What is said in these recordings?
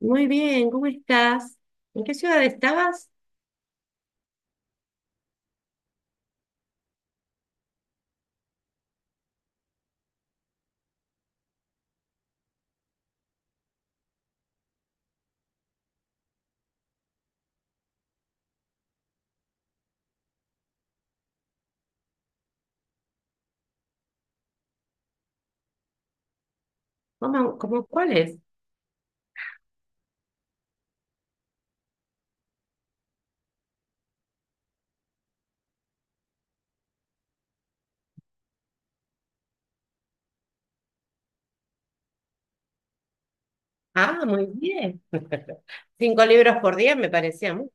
Muy bien, ¿cómo estás? ¿En qué ciudad estabas? ¿Cómo cuál? Ah, muy bien. Cinco libros por día me parecía mu-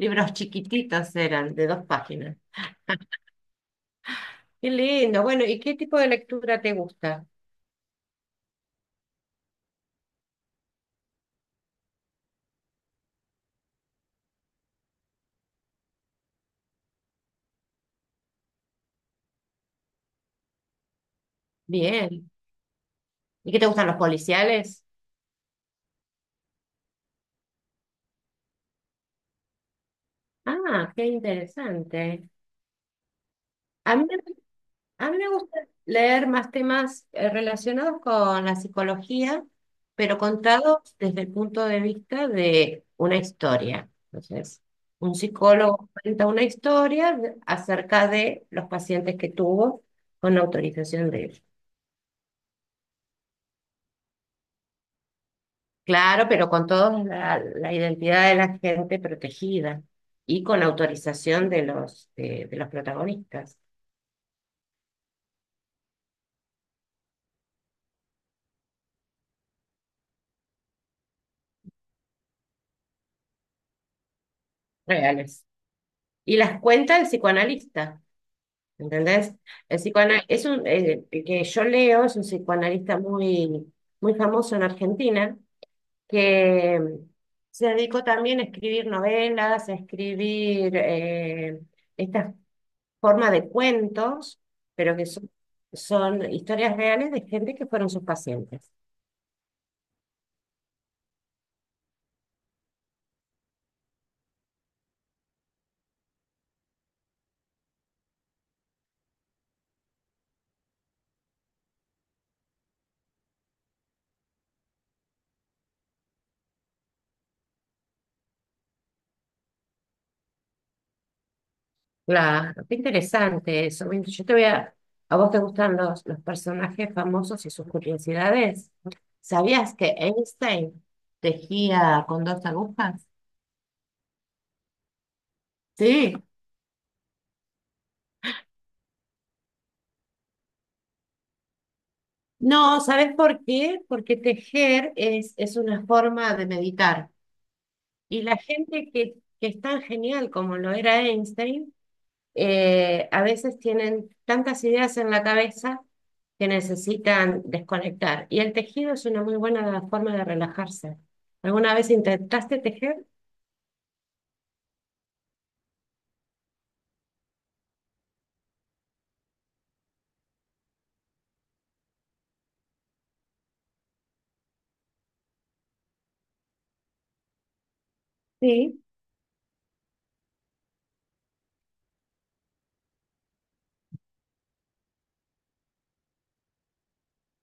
Libros chiquititos eran, de dos páginas. Qué lindo. Bueno, ¿y qué tipo de lectura te gusta? Bien. ¿Y qué te gustan los policiales? Ah, qué interesante. A mí A mí me gusta leer más temas relacionados con la psicología, pero contados desde el punto de vista de una historia. Entonces, un psicólogo cuenta una historia de- acerca de los pacientes que tuvo con autorización de él. Claro, pero con toda la identidad de la gente protegida y con autorización de los, de los protagonistas reales. Y las cuenta el psicoanalista. ¿Entendés? El que yo leo es un psicoanalista muy, muy famoso en Argentina, que se dedicó también a escribir novelas, a escribir esta forma de cuentos, pero que son historias reales de gente que fueron sus pacientes. Claro, qué interesante eso. Mira, yo te voy a... ¿A vos te gustan los personajes famosos y sus curiosidades? ¿Sabías que Einstein tejía con dos agujas? Sí. No, ¿sabes por qué? Porque tejer es una forma de meditar. Y la gente que es tan genial como lo era Einstein, a veces tienen tantas ideas en la cabeza que necesitan desconectar. Y el tejido es una muy buena forma de relajarse. ¿Alguna vez intentaste tejer? Sí.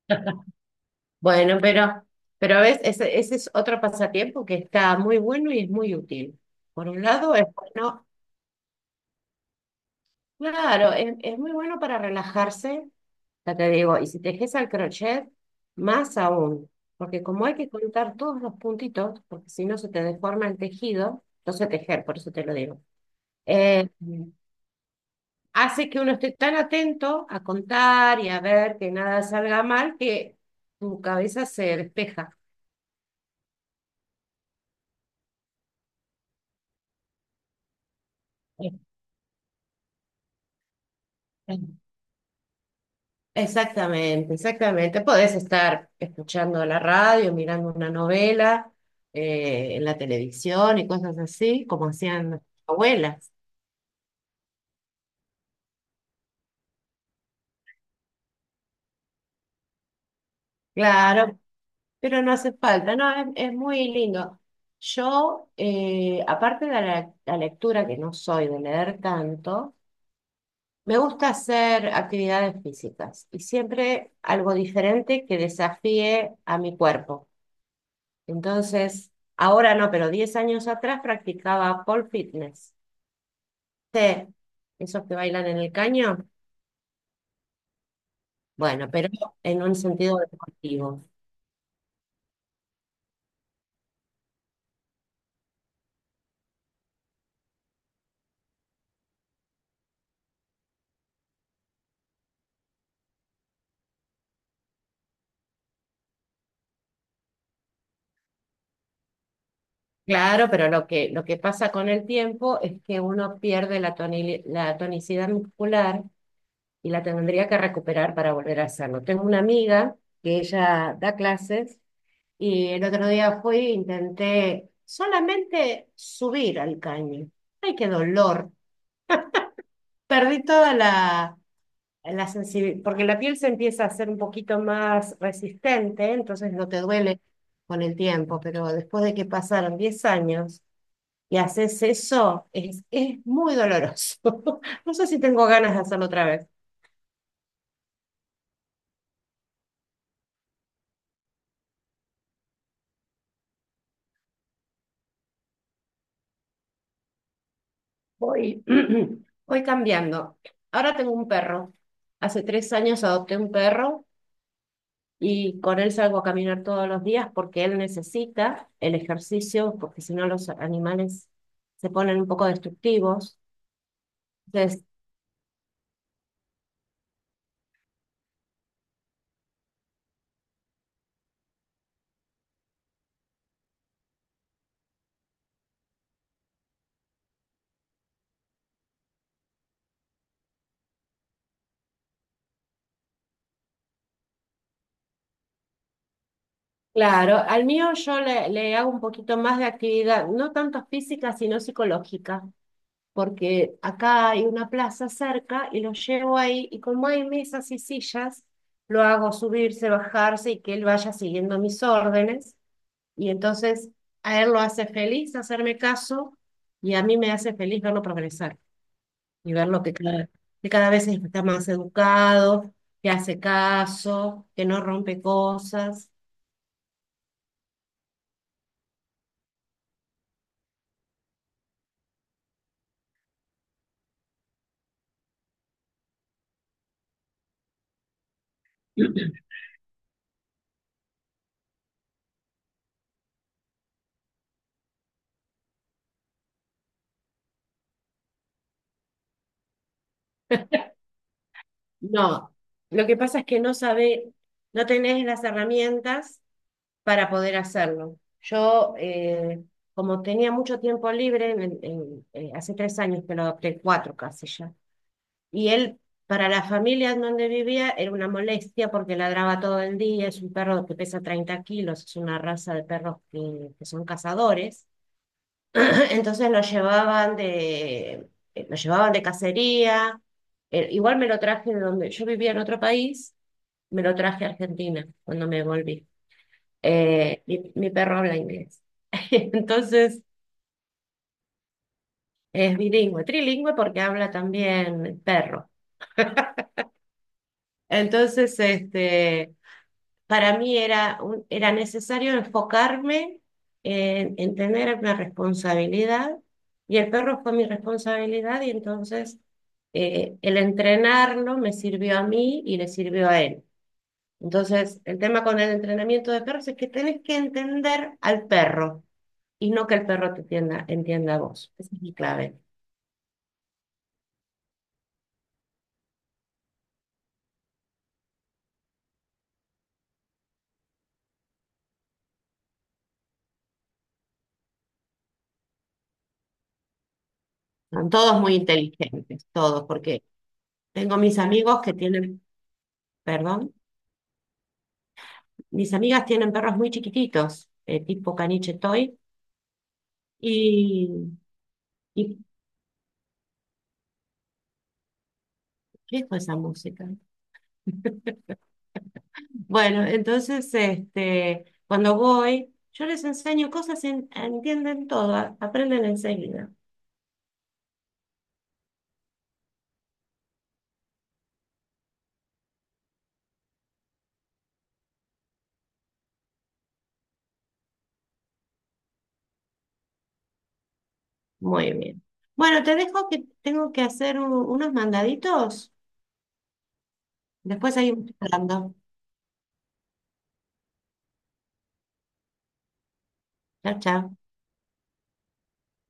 Bueno, pero ves, ese es otro pasatiempo que está muy bueno y es muy útil. Por un lado, es bueno, claro, es muy bueno para relajarse. Ya te digo, y si tejes al crochet, más aún, porque como hay que contar todos los puntitos, porque si no se te deforma el tejido, no sé tejer, por eso te lo digo, eh, hace que uno esté tan atento a contar y a ver que nada salga mal que tu cabeza se despeja. Eh, eh. Exactamente, exactamente. Podés estar escuchando la radio, mirando una novela, en la televisión y cosas así, como hacían nuestras abuelas. Claro, pero no hace falta, no, es muy lindo. Yo, aparte de la lectura, que no soy de leer tanto, me gusta hacer actividades físicas y siempre algo diferente que desafíe a mi cuerpo. Entonces, ahora no, pero 10 años atrás practicaba pole fitness. ¿Sí? Esos que bailan en el caño, bueno, pero en un sentido deportivo. Claro, pero lo que pasa con el tiempo es que uno pierde la tonicidad muscular y la tendría que recuperar para volver a hacerlo. Tengo una amiga que ella da clases y el otro día fui e intenté solamente subir al caño. ¡Ay, qué dolor! Perdí toda la sensibilidad, porque la piel se empieza a hacer un poquito más resistente, entonces no te duele con el tiempo, pero después de que pasaron 10 años y haces eso, es muy doloroso. No sé si tengo ganas de hacerlo otra vez. Voy, voy cambiando. Ahora tengo un perro. Hace 3 años adopté un perro y con él salgo a caminar todos los días porque él necesita el ejercicio, porque si no los animales se ponen un poco destructivos. Entonces, claro, al mío yo le hago un poquito más de actividad, no tanto física, sino psicológica. Porque acá hay una plaza cerca y lo llevo ahí y como hay mesas y sillas, lo hago subirse, bajarse y que él vaya siguiendo mis órdenes. Y entonces a él lo hace feliz hacerme caso y a mí me hace feliz verlo progresar y verlo que que cada vez está más educado, que hace caso, que no rompe cosas. No, lo que pasa es que no sabe, no tenés las herramientas para poder hacerlo. Yo, como tenía mucho tiempo libre, hace 3 años que lo adopté, cuatro casi ya, y él, para la familia en donde vivía, era una molestia porque ladraba todo el día, es un perro que pesa 30 kilos, es una raza de perros que son cazadores, entonces lo llevaban de cacería. Igual me lo traje de donde yo vivía en otro país, me lo traje a Argentina cuando me volví. Mi perro habla inglés. Entonces es bilingüe, trilingüe porque habla también perro. Entonces, este, para mí era necesario enfocarme en tener una responsabilidad y el perro fue mi responsabilidad y entonces el entrenarlo me sirvió a mí y le sirvió a él. Entonces, el tema con el entrenamiento de perros es que tenés que entender al perro y no que el perro te entienda, entienda a vos. Esa es mi clave. Son todos muy inteligentes, todos, porque tengo mis amigos que tienen, perdón, mis amigas tienen perros muy chiquititos, tipo caniche toy, y, y ¿qué fue esa música? Bueno, entonces, este, cuando voy, yo les enseño cosas, y en- entienden todo, a- aprenden enseguida. Muy bien. Bueno, te dejo que tengo que hacer un- unos mandaditos, después seguimos hablando. Chao, chao.